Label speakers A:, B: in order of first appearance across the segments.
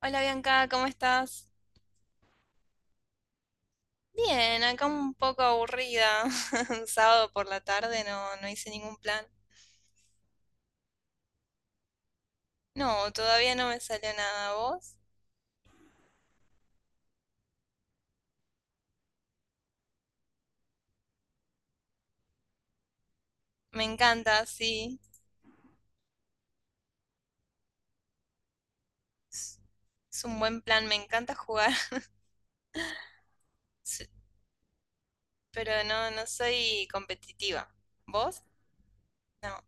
A: Hola Bianca, ¿cómo estás? Bien, acá un poco aburrida. Un sábado por la tarde no hice ningún plan. No, todavía no me salió nada. ¿Vos? Me encanta, sí. Es es un buen plan, me encanta jugar. Sí, pero no soy competitiva. ¿Vos? No.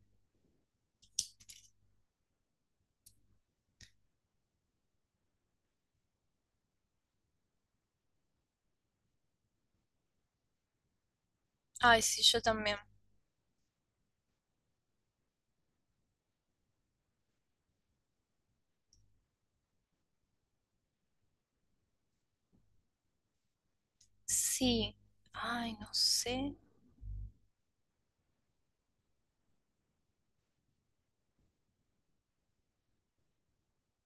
A: Ay, sí, yo también. Sí. Ay, no sé.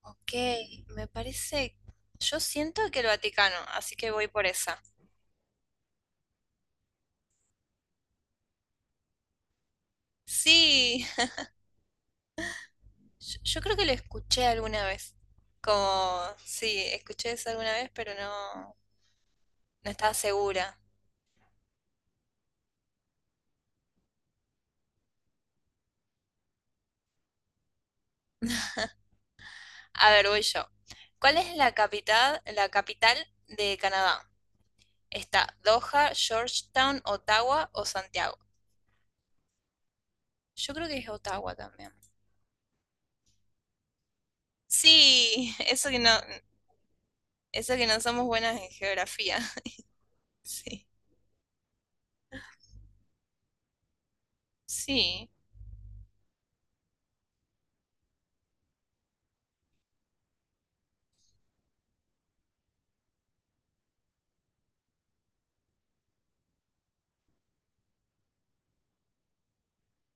A: Ok, me parece. Yo siento que el Vaticano, así que voy por esa. Sí. Yo creo que lo escuché alguna vez. Como, sí, escuché eso alguna vez, pero no, no estaba segura. A ver, voy yo. ¿Cuál es la capital de Canadá? ¿Está Doha, Georgetown, Ottawa o Santiago? Yo creo que es Ottawa también. Sí, eso que no somos buenas en geografía. Sí, sí,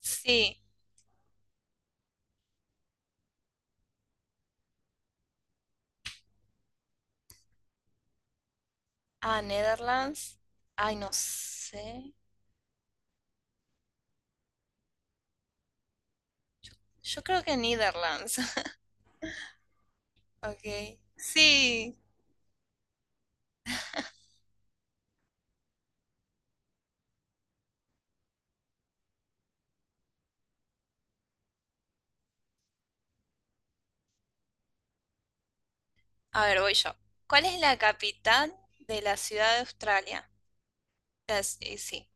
A: sí. Ah, Netherlands. Ay, no sé. Yo creo que Netherlands. Ok. Sí. A ver, voy yo. ¿Cuál es la capital de la ciudad de Australia? Sí.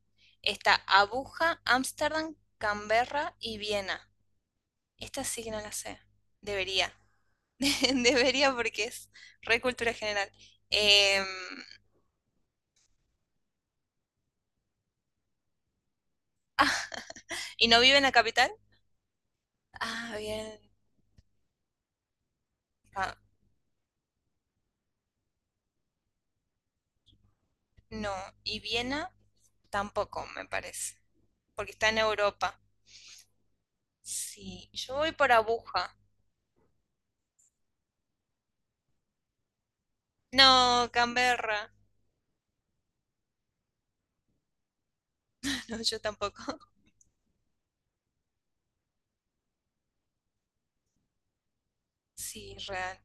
A: Está Abuja, Ámsterdam, Canberra y Viena. Esta sí que no la sé. Debería. Debería porque es re cultura general. Em, ¿Y no vive en la capital? Ah, bien. Ah, no. Y Viena tampoco, me parece. Porque está en Europa. Sí. Yo voy por Abuja. No, Canberra. No, yo tampoco. Sí, real.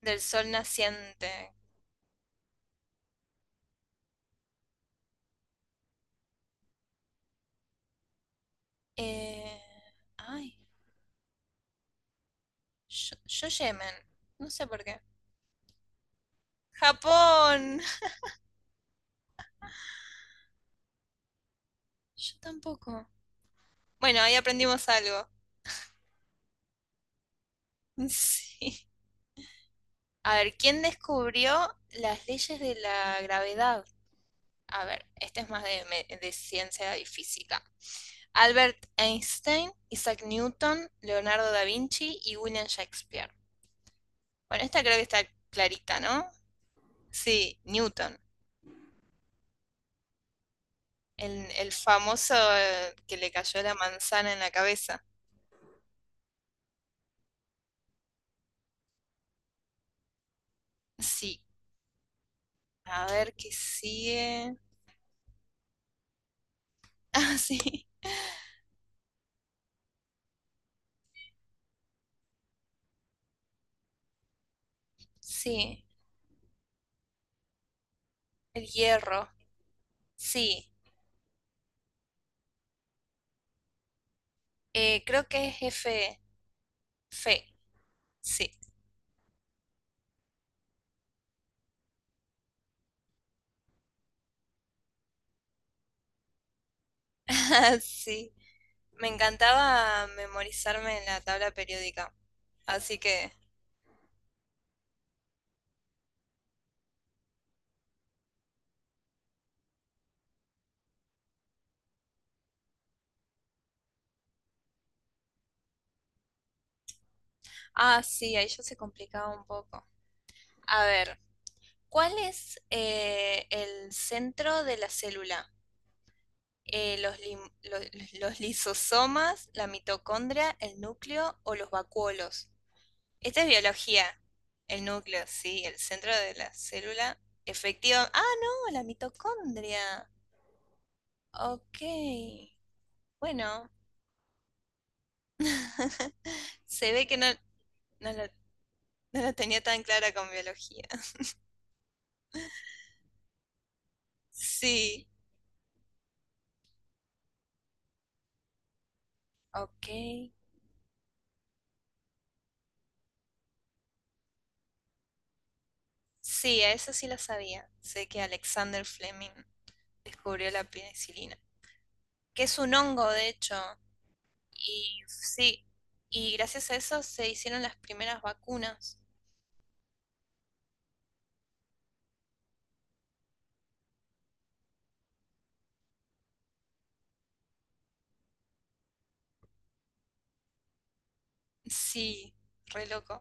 A: Del sol naciente. Eh, ay, yo Yemen. No sé por qué. Japón. Yo tampoco. Bueno, ahí aprendimos algo. Sí. A ver, ¿quién descubrió las leyes de la gravedad? A ver, este es más de, de ciencia y física. Albert Einstein, Isaac Newton, Leonardo da Vinci y William Shakespeare. Bueno, esta creo que está clarita, ¿no? Sí, Newton. El famoso que le cayó la manzana en la cabeza. Sí. A ver qué sigue. Ah, sí. Sí. El hierro. Sí. Creo que es F. Fe. Sí. Sí. Me encantaba memorizarme en la tabla periódica. Así que. Ah, sí, ahí ya se complicaba un poco. A ver. ¿Cuál es el centro de la célula? Los lisosomas, la mitocondria, el núcleo o los vacuolos. Esta es biología. El núcleo, sí, el centro de la célula. Efectiva. Ah, no, la mitocondria. Ok. Bueno, se ve que no la, no lo tenía tan clara con biología. Sí, ok. Sí, a eso sí lo sabía. Sé que Alexander Fleming descubrió la penicilina, que es un hongo, de hecho. Y sí, y gracias a eso se hicieron las primeras vacunas. Sí, re loco.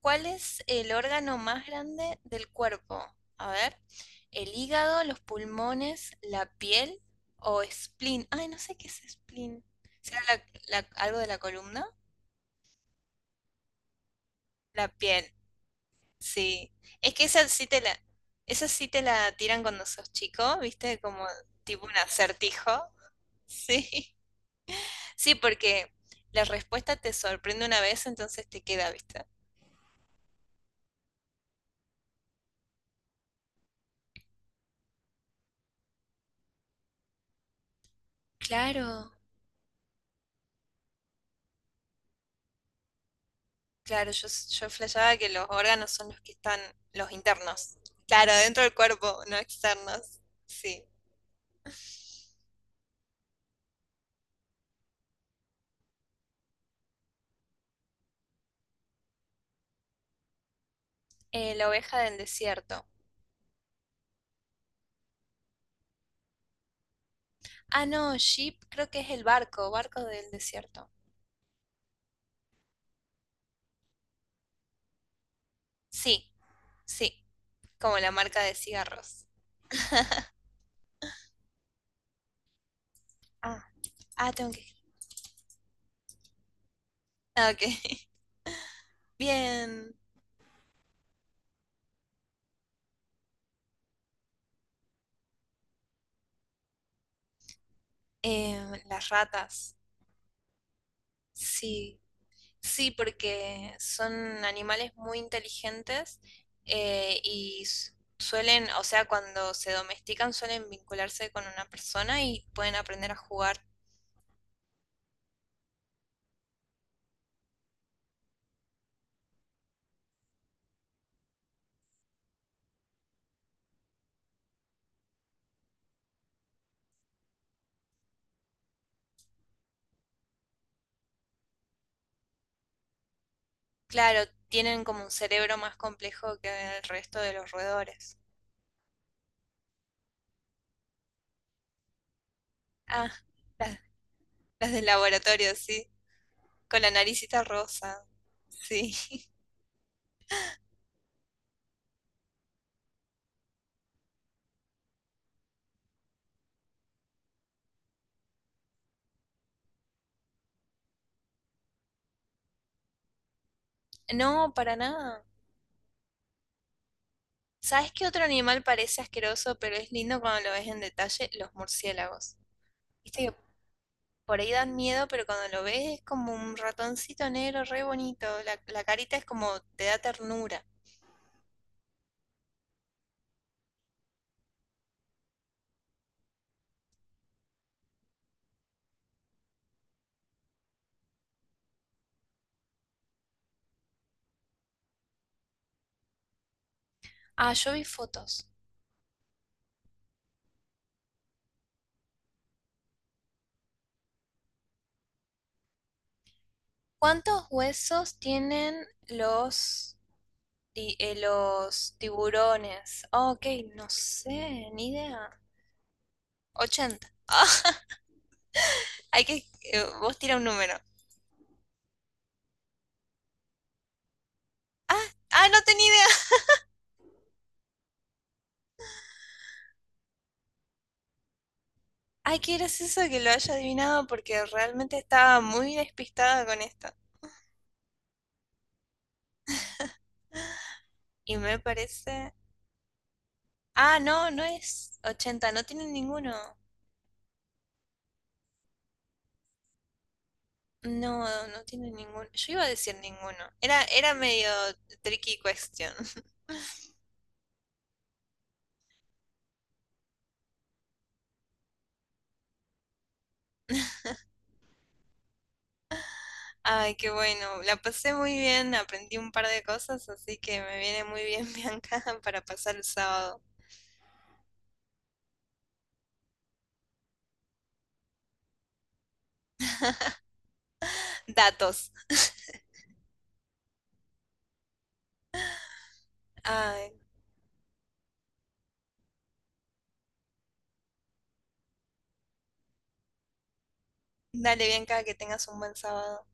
A: ¿Cuál es el órgano más grande del cuerpo? A ver, el hígado, los pulmones, la piel o spleen. Ay, no sé qué es spleen. ¿Será algo de la columna? La piel, sí. Es que esa sí te la tiran cuando sos chico, ¿viste? Como tipo un acertijo. Sí. Sí, porque la respuesta te sorprende una vez, entonces te queda, ¿viste? Claro, claro, yo flasheaba que los órganos son los que están, los internos. Claro, dentro del cuerpo, no externos. Sí. La oveja del desierto. Ah, no, ship creo que es el barco, barco del desierto. Sí, sí, como la marca de cigarros. Ah, ah, tengo que... Ah, ok. Bien. Las ratas. Sí, sí, porque son animales muy inteligentes eh, y s- suelen, o sea, cuando se domestican suelen vincularse con una persona y pueden aprender a jugar. Claro, tienen como un cerebro más complejo que el resto de los roedores. Ah, las, las del laboratorio, sí, con la naricita rosa, sí. No, para nada. ¿Sabes qué otro animal parece asqueroso, pero es lindo cuando lo ves en detalle? Los murciélagos. ¿Viste que por ahí dan miedo, pero cuando lo ves es como un ratoncito negro re bonito? La carita es como te da ternura. Ah, yo vi fotos. ¿Cuántos huesos tienen los tiburones? Ah, ok, no sé, ni idea. 80. Ah, hay que, vos tira un número. Ah, ah, no tenía idea. Ay, qué gracioso que lo haya adivinado porque realmente estaba muy despistada con esto. Y me parece. Ah, no, no es 80. No tiene ninguno. No, no tiene ninguno. Yo iba a decir ninguno. Era medio tricky question. Ay, qué bueno. La pasé muy bien, aprendí un par de cosas, así que me viene muy bien, Bianca, para pasar el sábado. Datos. Ay, dale, Bianca, que tengas un buen sábado.